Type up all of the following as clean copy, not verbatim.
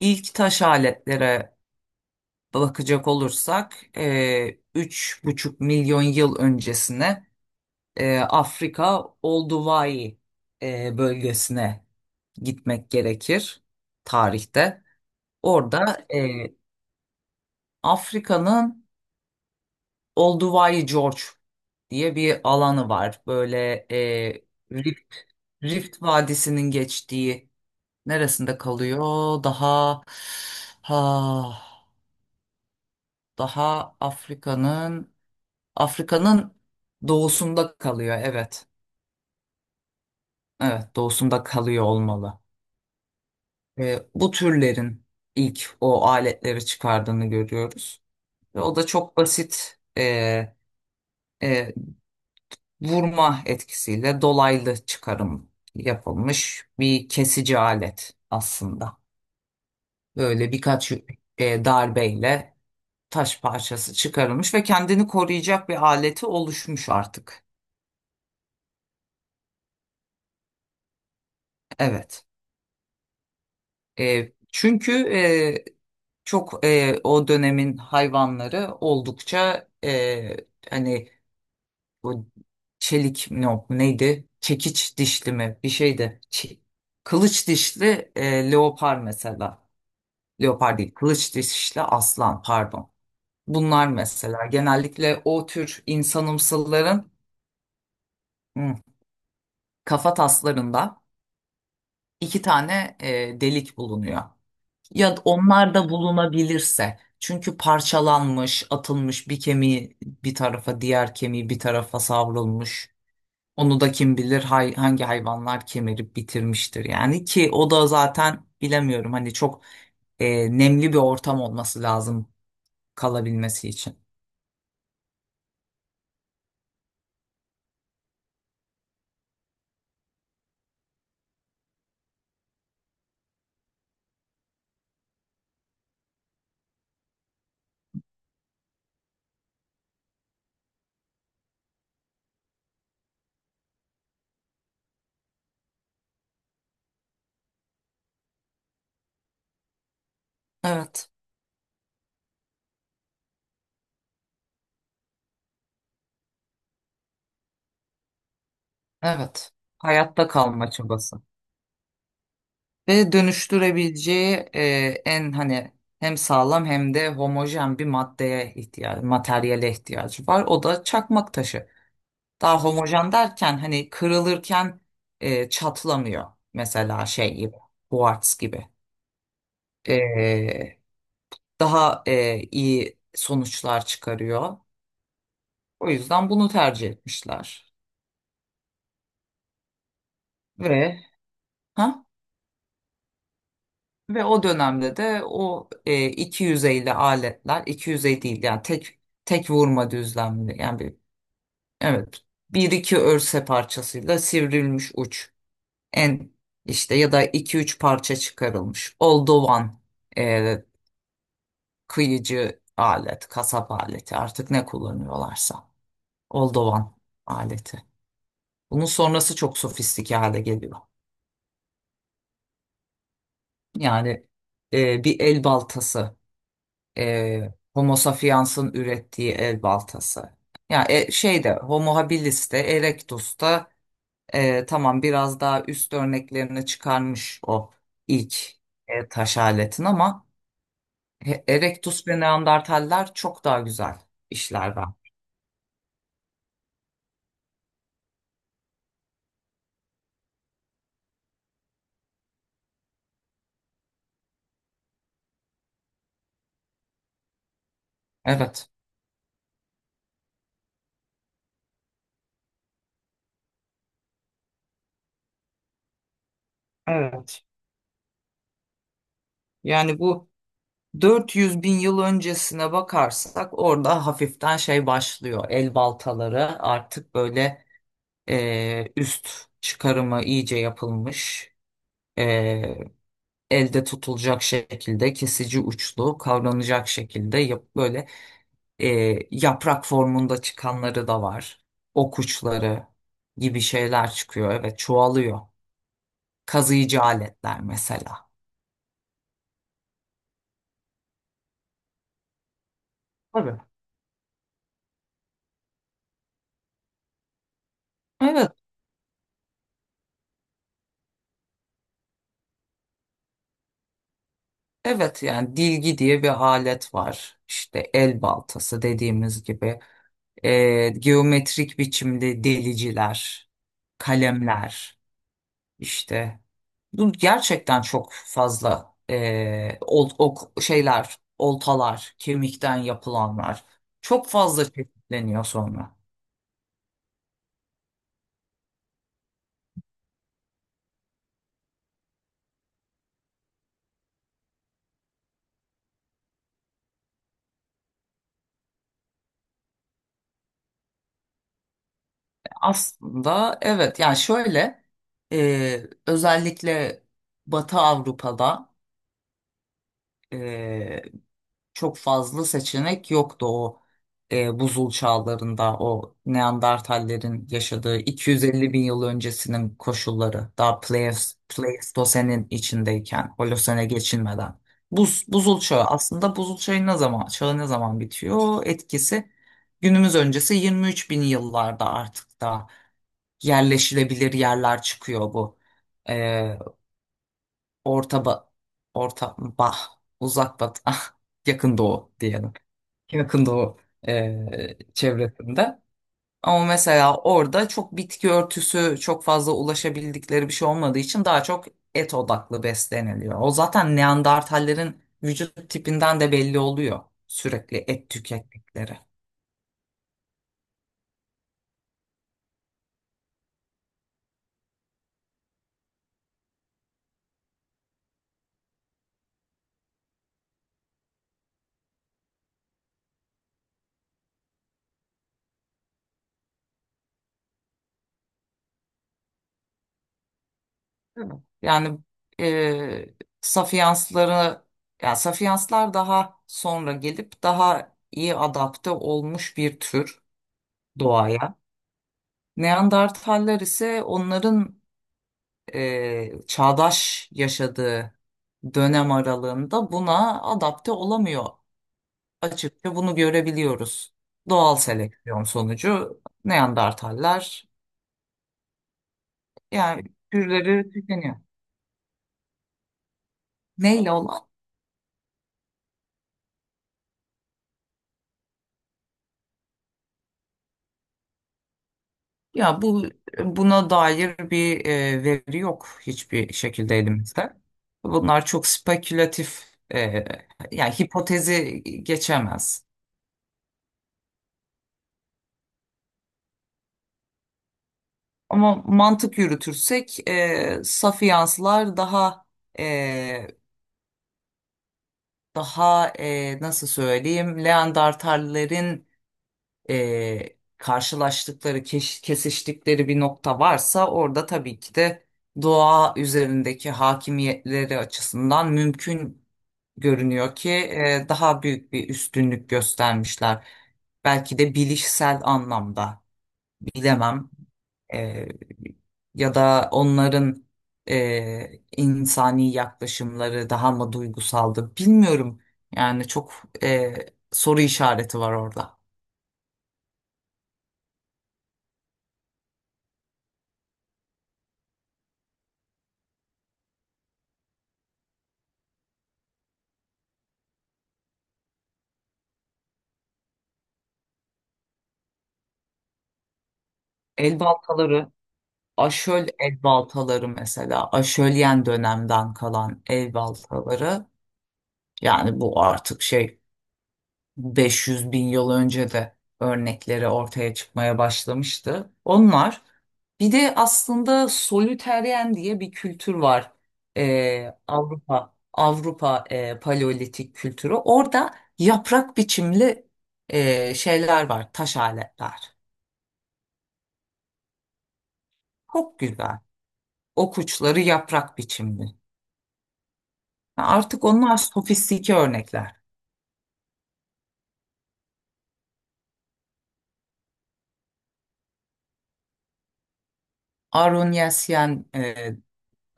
İlk taş aletlere bakacak olursak 3,5 milyon yıl öncesine Afrika Olduvai bölgesine gitmek gerekir tarihte. Orada Afrika'nın Olduvai Gorge diye bir alanı var. Böyle Rift, Rift Vadisi'nin geçtiği neresinde kalıyor? Ha, daha Afrika'nın doğusunda kalıyor. Evet. Evet, doğusunda kalıyor olmalı. Bu türlerin ilk o aletleri çıkardığını görüyoruz. Ve o da çok basit, e, vurma etkisiyle dolaylı çıkarım yapılmış bir kesici alet aslında. Böyle birkaç darbeyle taş parçası çıkarılmış ve kendini koruyacak bir aleti oluşmuş artık. Evet. Çünkü çok, o dönemin hayvanları oldukça, hani bu çelik mi yok, neydi? Çekiç dişli mi bir şeydi. Kılıç dişli leopar mesela. Leopar değil, kılıç dişli aslan pardon. Bunlar mesela genellikle o tür insanımsılların hı, kafa taslarında iki tane delik bulunuyor. Ya da onlar da bulunabilirse. Çünkü parçalanmış, atılmış bir kemiği bir tarafa, diğer kemiği bir tarafa savrulmuş. Onu da kim bilir hangi hayvanlar kemirip bitirmiştir yani ki o da zaten bilemiyorum, hani çok nemli bir ortam olması lazım kalabilmesi için. Evet, evet. Hayatta kalma çabası. Ve dönüştürebileceği, e, en hani hem sağlam hem de homojen bir maddeye ihtiyacı, materyale ihtiyacı var. O da çakmak taşı. Daha homojen derken hani kırılırken çatlamıyor. Mesela şey gibi, kuartz gibi. E, Daha iyi sonuçlar çıkarıyor. O yüzden bunu tercih etmişler. Ve ha? Ve o dönemde de o 250 aletler, 250 değil yani tek tek vurma düzlemli, yani bir, evet, bir iki örse parçasıyla sivrilmiş uç en işte, ya da iki üç parça çıkarılmış oldovan, e, kıyıcı alet, kasap aleti artık ne kullanıyorlarsa oldovan aleti. Bunun sonrası çok sofistike hale geliyor. Yani bir el baltası, Homo sapiens'in ürettiği el baltası. Yani şeyde Homo habilis de Erectus da, tamam, biraz daha üst örneklerini çıkarmış o ilk taş aletin, ama Erectus ve Neandertaller çok daha güzel işler var. Evet. Evet. Yani bu 400 bin yıl öncesine bakarsak orada hafiften şey başlıyor. El baltaları artık böyle üst çıkarımı iyice yapılmış. e, Elde tutulacak şekilde, kesici uçlu, kavranacak şekilde böyle e, yaprak formunda çıkanları da var. Ok uçları gibi şeyler çıkıyor. Evet, çoğalıyor. Kazıyıcı aletler mesela. Tabii. Evet. Evet, yani dilgi diye bir alet var. İşte el baltası dediğimiz gibi. Geometrik biçimde deliciler, kalemler, işte, bu gerçekten çok fazla ok, şeyler, oltalar, kemikten yapılanlar, çok fazla çeşitleniyor sonra. Aslında evet, yani şöyle, özellikle Batı Avrupa'da e, çok fazla seçenek yoktu o buzul çağlarında. O Neandertallerin yaşadığı 250 bin yıl öncesinin koşulları, daha Pleistosen'in içindeyken Holosen'e geçilmeden. Buzul çağı, aslında buzul çağı ne zaman, çağı ne zaman bitiyor? Etkisi günümüz öncesi 23 bin yıllarda artık da yerleşilebilir yerler çıkıyor bu. E, orta ba, orta bah Uzak batı yakın doğu diyelim, yakında o çevresinde. Ama mesela orada çok bitki örtüsü, çok fazla ulaşabildikleri bir şey olmadığı için daha çok et odaklı besleniliyor. O zaten Neandertallerin vücut tipinden de belli oluyor sürekli et tükettikleri. Değil mi? Yani e, Sapiensları yani Sapienslar daha sonra gelip daha iyi adapte olmuş bir tür doğaya. Neandertaller ise onların çağdaş yaşadığı dönem aralığında buna adapte olamıyor. Açıkça bunu görebiliyoruz. Doğal seleksiyon sonucu Neandertaller, yani türleri tükeniyor. Neyle olan? Ya buna dair bir veri yok hiçbir şekilde elimizde. Bunlar çok spekülatif, yani hipotezi geçemez. Ama mantık yürütürsek, e, saf daha e, daha, nasıl söyleyeyim, Leandertallerin karşılaştıkları, kesiştikleri bir nokta varsa orada tabii ki de doğa üzerindeki hakimiyetleri açısından mümkün görünüyor ki daha büyük bir üstünlük göstermişler. Belki de bilişsel anlamda bilemem. Ee, Ya da onların e, insani yaklaşımları daha mı duygusaldı bilmiyorum. Yani çok soru işareti var orada. El baltaları, aşöl el baltaları mesela, aşölyen dönemden kalan el baltaları, yani bu artık şey, 500 bin yıl önce de örnekleri ortaya çıkmaya başlamıştı. Onlar, bir de aslında solüteryen diye bir kültür var. Avrupa paleolitik kültürü. Orada yaprak biçimli şeyler var, taş aletler. Çok güzel. Okuçları yaprak biçimli. Artık onlar sofistike örnekler. Arunyasyen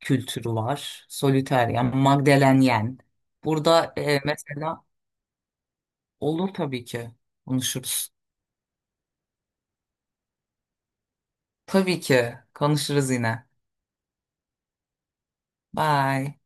kültürü var. Solitaire, yani Magdalenyen. Burada mesela, olur tabii ki konuşuruz. Tabii ki konuşuruz yine. Bye.